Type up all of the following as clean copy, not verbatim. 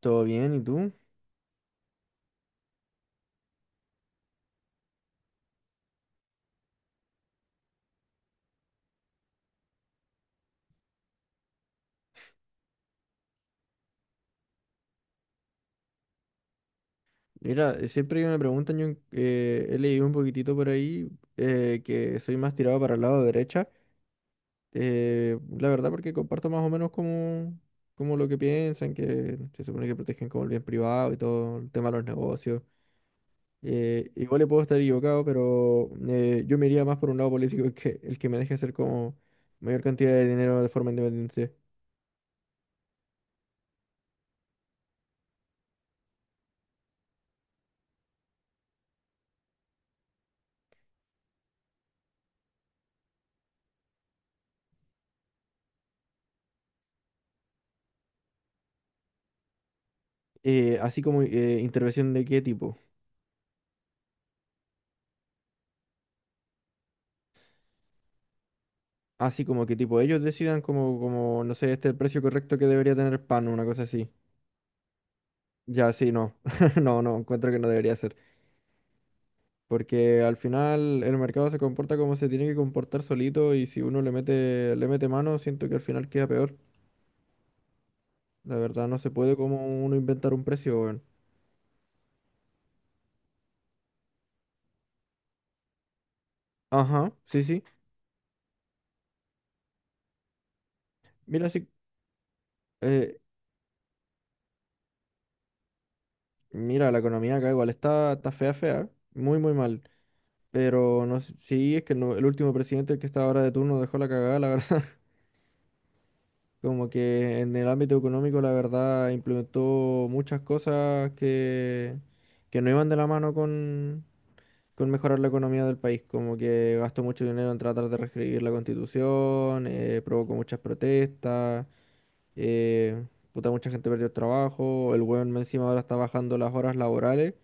Todo bien, ¿y tú? Mira, siempre que me preguntan, yo he leído un poquitito por ahí que soy más tirado para el lado derecha. La verdad porque comparto más o menos como, como lo que piensan, que se supone que protegen como el bien privado y todo el tema de los negocios. Igual le puedo estar equivocado, pero yo me iría más por un lado político el que me deje hacer como mayor cantidad de dinero de forma independiente. Así como intervención de qué tipo. Así como que tipo ellos decidan como, como, no sé, este es el precio correcto que debería tener el pan, una cosa así. Ya, sí, no. No, no, encuentro que no debería ser. Porque al final el mercado se comporta como se tiene que comportar solito y si uno le mete mano, siento que al final queda peor. La verdad, no se puede como uno inventar un precio, weón. Ajá, sí, sí. Mira, sí. eh, Mira, la economía acá igual está, está fea, fea. Muy, muy mal. Pero no sé, sí, es que no, el último presidente, el que está ahora de turno, dejó la cagada, la verdad. Como que en el ámbito económico, la verdad, implementó muchas cosas que no iban de la mano con mejorar la economía del país. Como que gastó mucho dinero en tratar de reescribir la constitución, provocó muchas protestas, eh, puta, mucha gente perdió el trabajo. El weón más encima ahora está bajando las horas laborales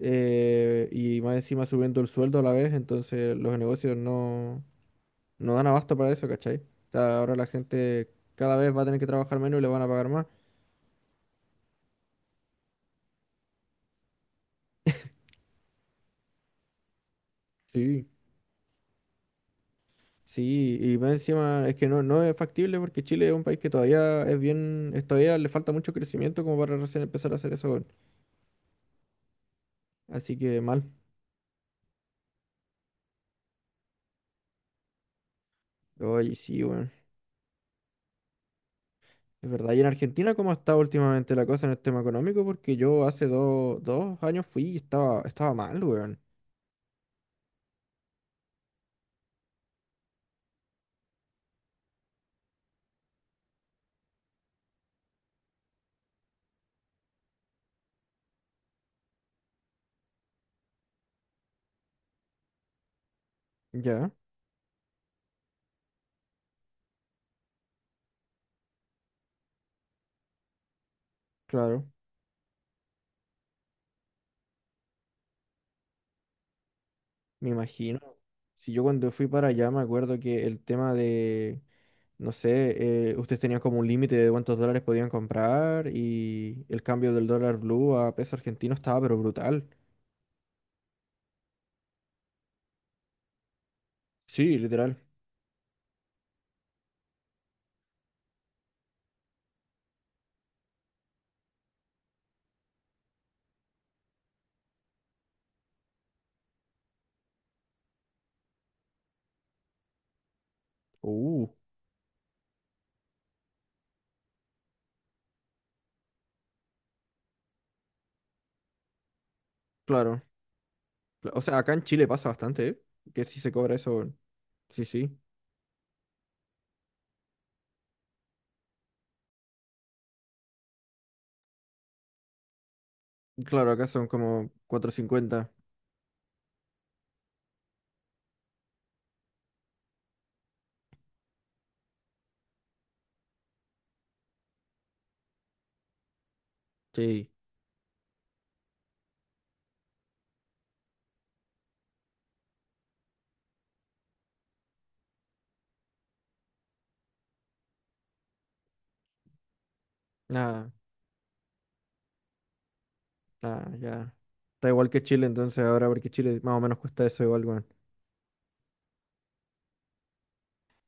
y más encima subiendo el sueldo a la vez. Entonces, los negocios no. No dan abasto para eso, ¿cachai? O sea, ahora la gente cada vez va a tener que trabajar menos y le van a pagar más. Sí. Sí, y más encima es que no, no es factible porque Chile es un país que todavía es bien, es, todavía le falta mucho crecimiento como para recién empezar a hacer eso, weón. Así que mal. Oye, sí, weón. Es verdad. ¿Y en Argentina cómo ha estado últimamente la cosa en el tema económico? Porque yo hace dos años fui y estaba, estaba mal, weón. Ya, claro, me imagino. Si yo cuando fui para allá me acuerdo que el tema de no sé, ustedes tenían como un límite de cuántos dólares podían comprar y el cambio del dólar blue a peso argentino estaba pero brutal. Sí, literal. Uh, claro. Cla, o sea, acá en Chile pasa bastante, ¿eh? Que sí se cobra eso. Sí, sí. Claro, acá son como 450. Sí. Nada, nada, ya. Está igual que Chile entonces ahora porque Chile más o menos cuesta eso igual, weón.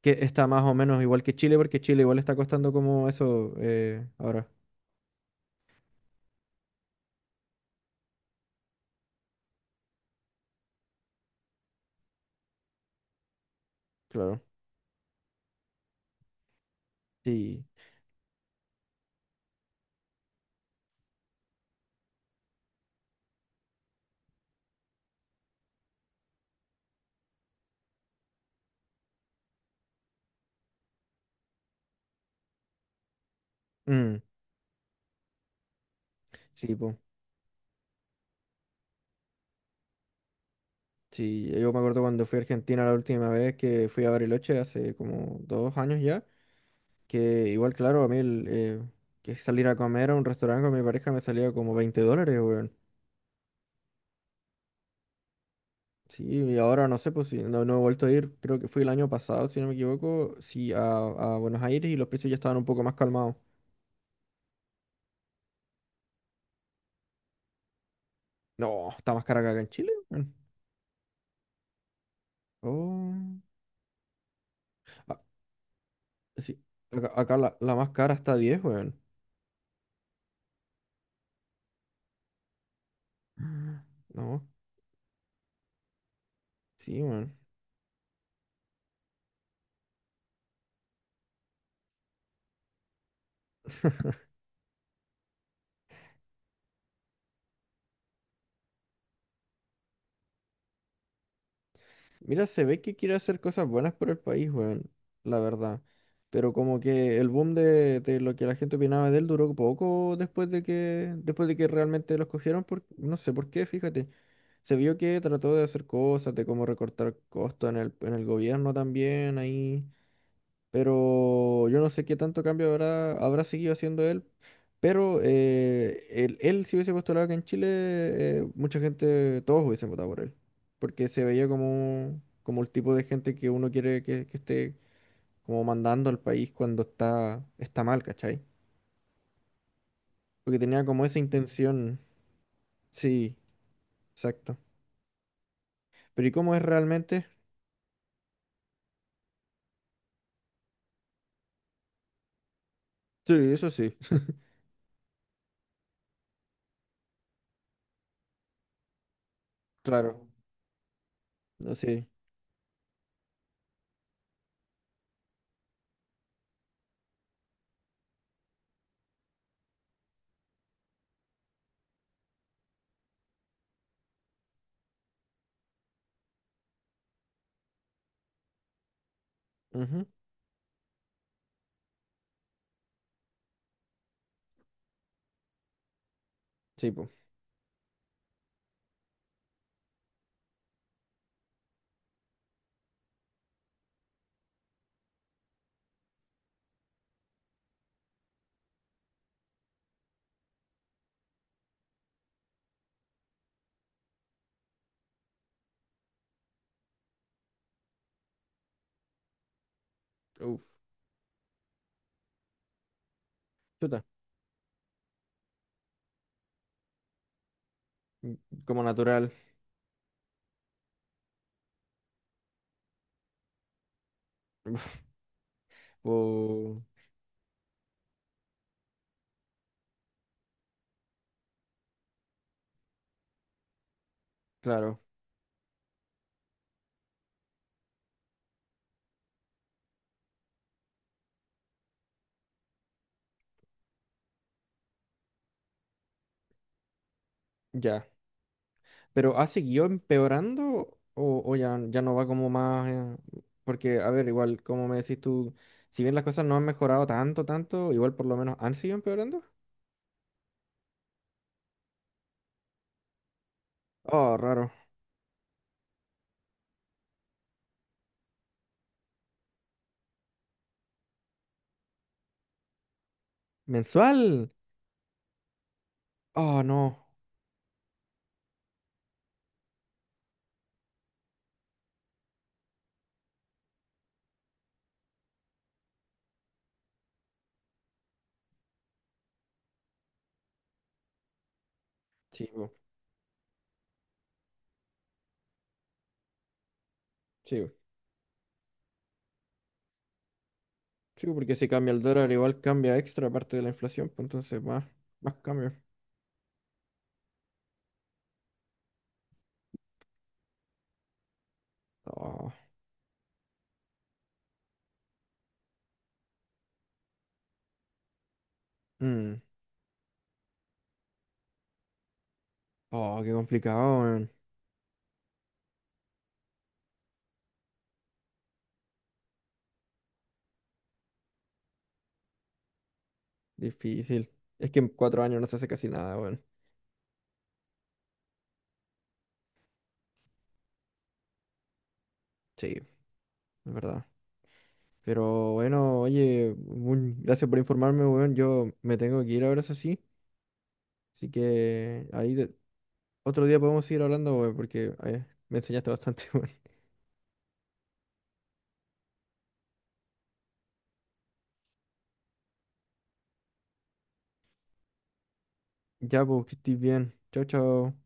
Que está más o menos igual que Chile porque Chile igual está costando como eso ahora. Claro. Sí. Mm, sí, pues. Sí, yo me acuerdo cuando fui a Argentina la última vez que fui a Bariloche, hace como 2 años ya, que igual, claro, a mí el, que salir a comer a un restaurante con mi pareja me salía como $20, weón. Sí, y ahora no sé, pues sí, no, no he vuelto a ir, creo que fui el año pasado, si no me equivoco, sí, a Buenos Aires y los precios ya estaban un poco más calmados. No, está más cara que acá en Chile, weón. Oh, ah, sí, acá, acá la, la más cara está a 10, weón. No, sí, weón. Mira, se ve que quiere hacer cosas buenas por el país, weón, la verdad. Pero como que el boom de lo que la gente opinaba de él duró poco después de que realmente lo escogieron, por, no sé por qué, fíjate. Se vio que trató de hacer cosas, de cómo recortar costos en el gobierno también, ahí pero yo no sé qué tanto cambio habrá, habrá seguido haciendo él. Pero él, él si hubiese postulado acá en Chile, mucha gente, todos hubiesen votado por él, porque se veía como, como el tipo de gente que uno quiere que esté como mandando al país cuando está, está mal, ¿cachai? Porque tenía como esa intención, sí, exacto. Pero ¿y cómo es realmente? Sí, eso sí, claro, no sé. Ujú, sí, pues, uf, chuta, como natural. O, claro, ya. Pero ¿ha seguido empeorando o ya, ya no va como más? Porque, a ver, igual, como me decís tú, si bien las cosas no han mejorado tanto, tanto, igual por lo menos han seguido empeorando. Oh, raro. ¿Mensual? Oh, no. Sí, po, sí, po. Sí, po, porque si cambia el dólar, igual cambia extra parte de la inflación, pues entonces más, más cambios. Oh, mm. Oh, qué complicado, weón. Difícil. Es que en 4 años no se hace casi nada, weón. Sí, es verdad. Pero bueno, oye, un, gracias por informarme, weón. Yo me tengo que ir ahora, eso sí. Así que ahí de, otro día podemos seguir hablando, weón, porque me enseñaste bastante, weón. Ya, pues, que estés bien. Chao, chao.